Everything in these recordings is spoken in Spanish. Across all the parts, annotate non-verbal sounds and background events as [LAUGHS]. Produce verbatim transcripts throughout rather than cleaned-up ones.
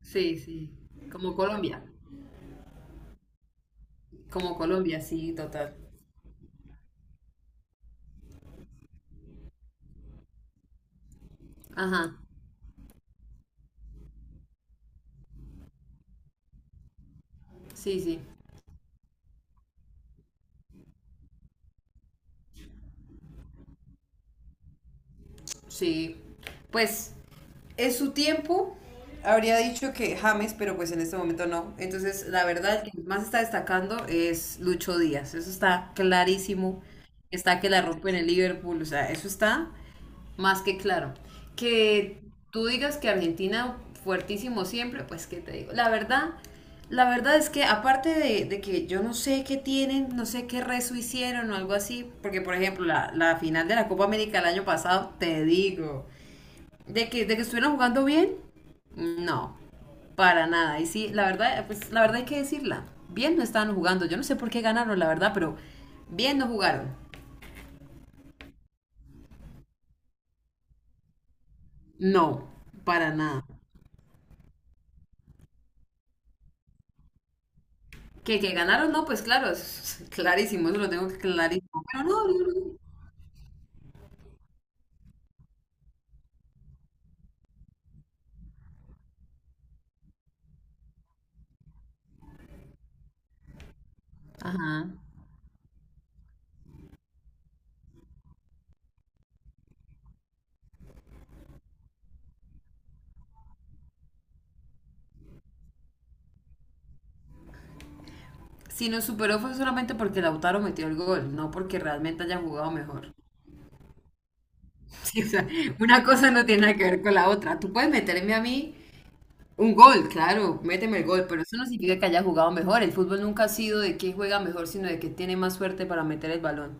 Sí, sí. Como Colombia. Como Colombia, sí, total. Ajá. Sí, sí. Sí. Pues en su tiempo habría dicho que James, pero pues en este momento no. Entonces, la verdad, el que más está destacando es Lucho Díaz. Eso está clarísimo. Está que la rompe en el Liverpool. O sea, eso está más que claro. Que tú digas que Argentina fuertísimo siempre, pues qué te digo. La verdad, la verdad es que aparte de, de que yo no sé qué tienen, no sé qué rezo hicieron o algo así, porque por ejemplo la, la final de la Copa América el año pasado, te digo, de que, de que estuvieron jugando bien, no, para nada. Y sí, la verdad, pues la verdad hay que decirla, bien no estaban jugando, yo no sé por qué ganaron, la verdad, pero bien no jugaron, no, para nada. Que, que ganaron, no, pues claro, es [LAUGHS] clarísimo, eso lo tengo clarísimo. Pero no, yo no-. Ajá. Si nos superó fue solamente porque Lautaro metió el gol, no porque realmente hayan jugado mejor. [LAUGHS] Sí, o sea, una cosa no tiene nada que ver con la otra. Tú puedes meterme a mí un gol, claro, méteme el gol, pero eso no significa que haya jugado mejor. El fútbol nunca ha sido de quién juega mejor, sino de quién tiene más suerte para meter el balón.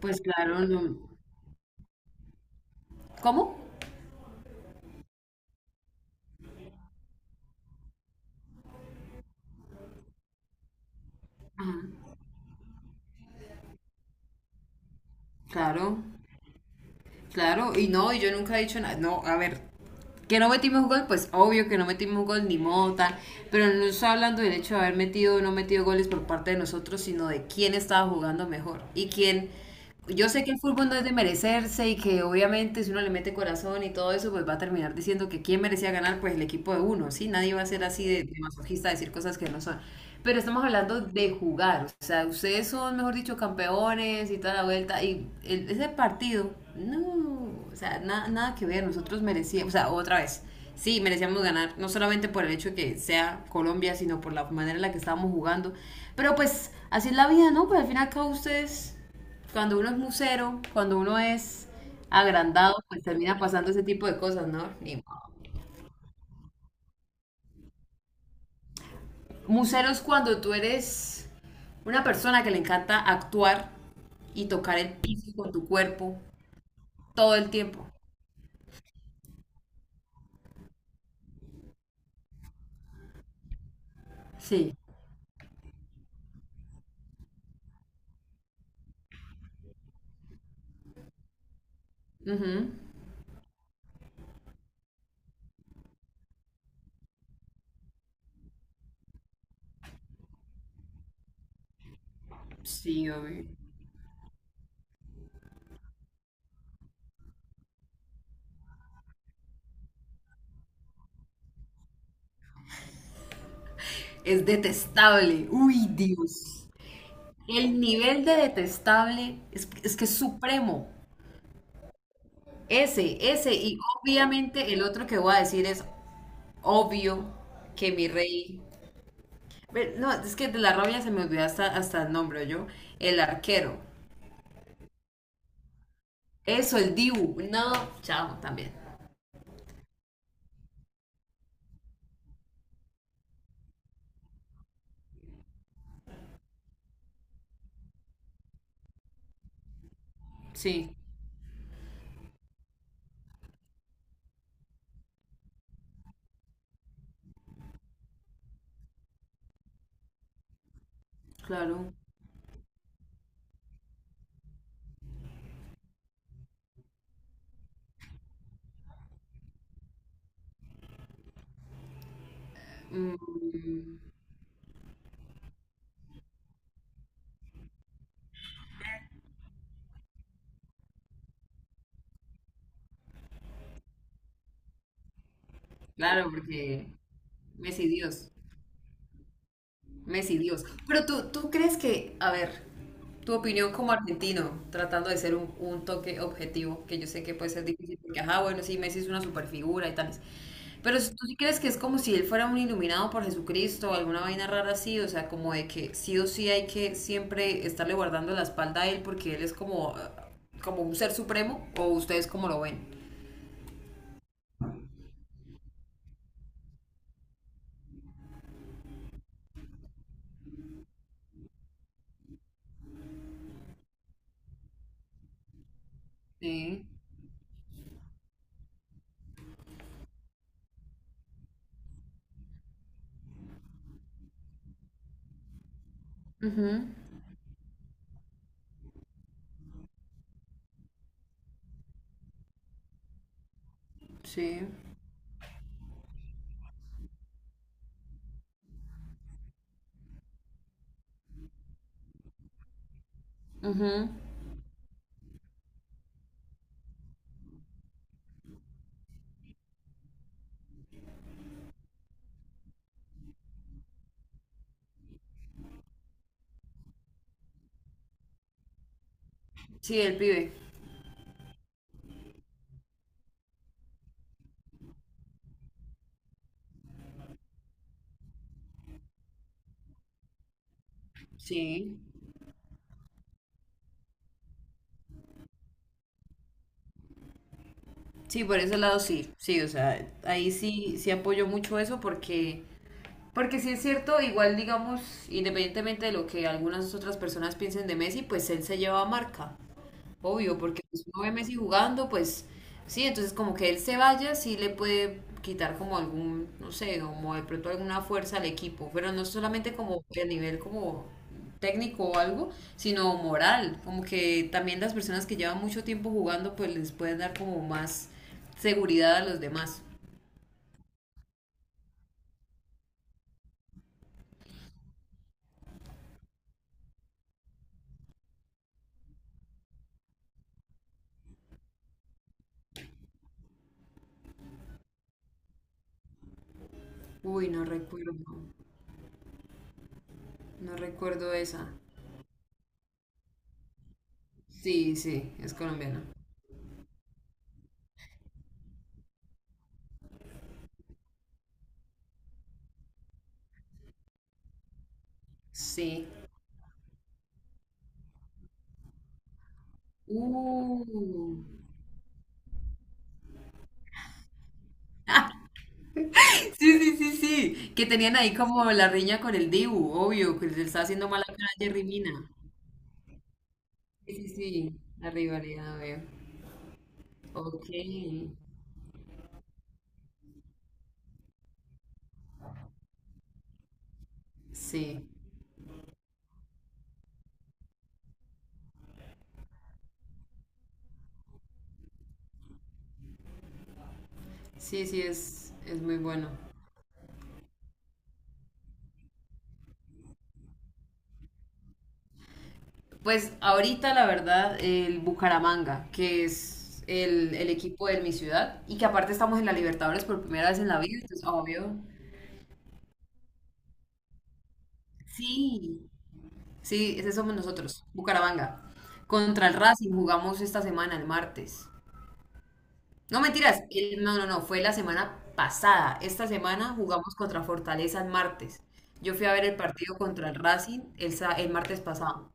Pues claro, no. ¿Cómo? Claro, claro, y no, y yo nunca he dicho nada. No, a ver, que no metimos gol, pues obvio que no metimos gol ni mota, pero no estoy hablando del hecho de haber metido o no metido goles por parte de nosotros, sino de quién estaba jugando mejor y quién... Yo sé que el fútbol no es de merecerse y que obviamente si uno le mete corazón y todo eso, pues va a terminar diciendo que quién merecía ganar, pues el equipo de uno, ¿sí? Nadie va a ser así de, de masoquista, decir cosas que no son. Pero estamos hablando de jugar, o sea, ustedes son, mejor dicho, campeones y toda la vuelta, y el- ese partido, no, o sea, na- nada que ver, nosotros merecíamos, o sea, otra vez, sí, merecíamos ganar, no solamente por el hecho de que sea Colombia, sino por la manera en la que estábamos jugando, pero pues así es la vida, ¿no? Pues al final acá ustedes, cuando uno es musero, cuando uno es agrandado, pues termina pasando ese tipo de cosas, ¿no? Ni museros cuando tú eres una persona que le encanta actuar y tocar el piso con tu cuerpo todo el tiempo. Sí. Ujú. Sí, obvio. Es detestable. Uy, Dios. El nivel de detestable es, es que es supremo. Ese, ese. Y obviamente el otro que voy a decir es obvio que mi rey. Ve, no, es que de la rabia se me olvidó hasta, hasta el nombre, yo. El arquero. Eso, el Dibu. No, chao, también. Sí, claro. Mm, claro, porque Messi Dios, Messi Dios. Pero tú, tú crees que, a ver, tu opinión como argentino, tratando de ser un, un toque objetivo, que yo sé que puede ser difícil, porque, ajá, bueno, sí, Messi es una superfigura y tales. Pero si tú sí crees que es como si él fuera un iluminado por Jesucristo o alguna vaina rara así, o sea, como de que sí o sí hay que siempre estarle guardando la espalda a él porque él es como, ah, como un ser supremo, o ustedes cómo lo ven. Sí. Ujú. Sí. Ujú. Sí, el pibe. Sí. Sí, por ese lado sí. Sí, o sea, ahí sí, sí apoyo mucho eso porque, porque sí es cierto, igual digamos, independientemente de lo que algunas otras personas piensen de Messi, pues él se lleva marca. Obvio, porque pues, uno ve a Messi jugando, pues sí, entonces como que él se vaya, sí le puede quitar como algún, no sé, como de pronto alguna fuerza al equipo, pero no solamente como a nivel como técnico o algo, sino moral, como que también las personas que llevan mucho tiempo jugando, pues les pueden dar como más seguridad a los demás. Uy, no recuerdo, no recuerdo esa. Sí, sí, es colombiana. Sí. Uh. [LAUGHS] Sí, sí, sí, sí. Que tenían ahí como la riña con el Dibu, obvio, que le estaba haciendo mala cara a Jerry Mina. Sí, sí, sí, la rivalidad, veo. Ok, sí, sí, sí, es, es muy bueno. Pues ahorita, la verdad, el Bucaramanga, que es el, el equipo de mi ciudad, y que aparte estamos en la Libertadores por primera vez en la vida, entonces, obvio. Sí, sí, ese somos nosotros, Bucaramanga. Contra el Racing jugamos esta semana, el martes. No mentiras, el- no, no, no, fue la semana pasada. Esta semana jugamos contra Fortaleza el martes. Yo fui a ver el partido contra el Racing el, sa- el martes pasado.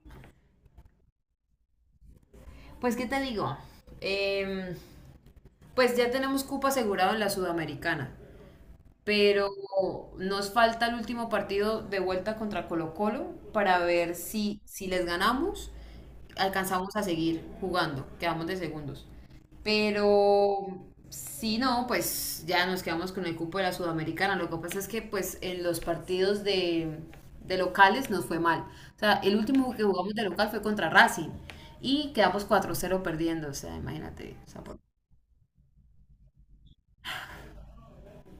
Pues, ¿qué te digo? Em, pues ya tenemos cupo asegurado en la Sudamericana. Pero nos falta el último partido de vuelta contra Colo-Colo para ver si, si les ganamos, alcanzamos a seguir jugando, quedamos de segundos. Pero si no, pues ya nos quedamos con el cupo de la Sudamericana. Lo que pasa es que pues en los partidos de, de locales nos fue mal. O sea, el último que jugamos de local fue contra Racing y quedamos cuatro cero perdiendo. O sea, imagínate, o sea, por-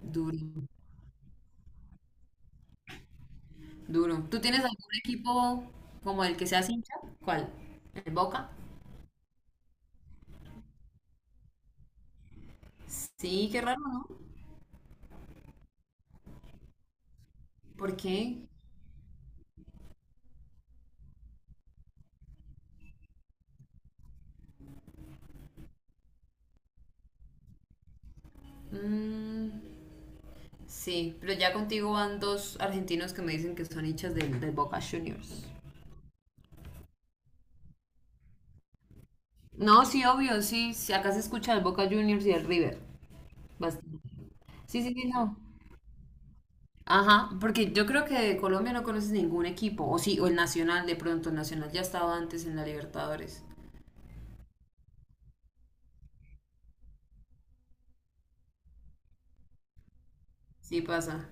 duro. Duro. ¿Tú tienes algún equipo como el que seas hincha? ¿Cuál? ¿El Boca? Sí, qué raro, ¿no? ¿Por qué? Mm, sí, pero ya contigo van dos argentinos que me dicen que son hinchas del, del Boca Juniors. No, sí, obvio, sí, sí, acá se escucha el Boca Juniors y el River. Bastante. Sí, sí, sí, no. Ajá, porque yo creo que de Colombia no conoces ningún equipo, o sí, o el Nacional de pronto, el Nacional ya estaba antes en la Libertadores. Sí, pasa.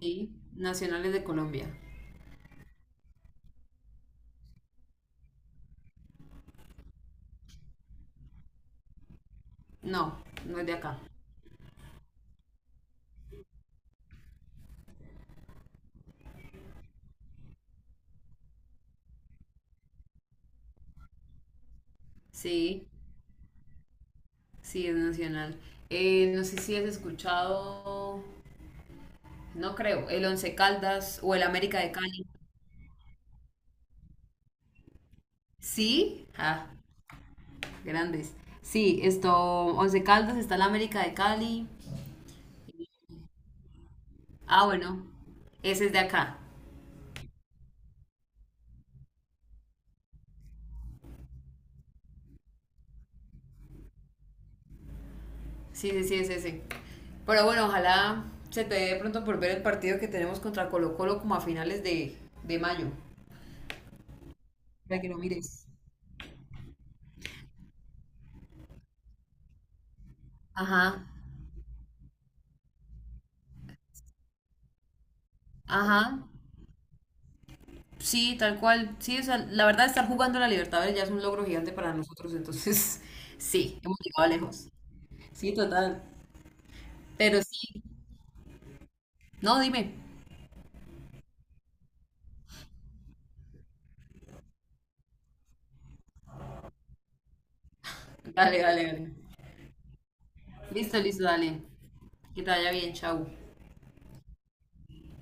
Sí, Nacionales de Colombia. No, no es de acá. Sí, sí, es nacional. Eh, no sé si has escuchado, no creo, el Once Caldas o el América de Cali. Sí, ah, grandes. Sí, esto, Once Caldas, está el América de Cali. Ah, bueno, ese es de acá. Sí, sí, sí, es ese. Pero bueno, ojalá se te dé pronto por ver el partido que tenemos contra Colo Colo como a finales de, de mayo. Para que lo mires. Ajá, ajá. Sí, tal cual. Sí, o sea, la verdad, estar jugando la Libertadores ya es un logro gigante para nosotros. Entonces, [LAUGHS] sí, hemos llegado lejos. Sí, total. Pero sí, no, dime. Dale, dale, dale. Listo, listo, dale. Que te vaya bien, chau.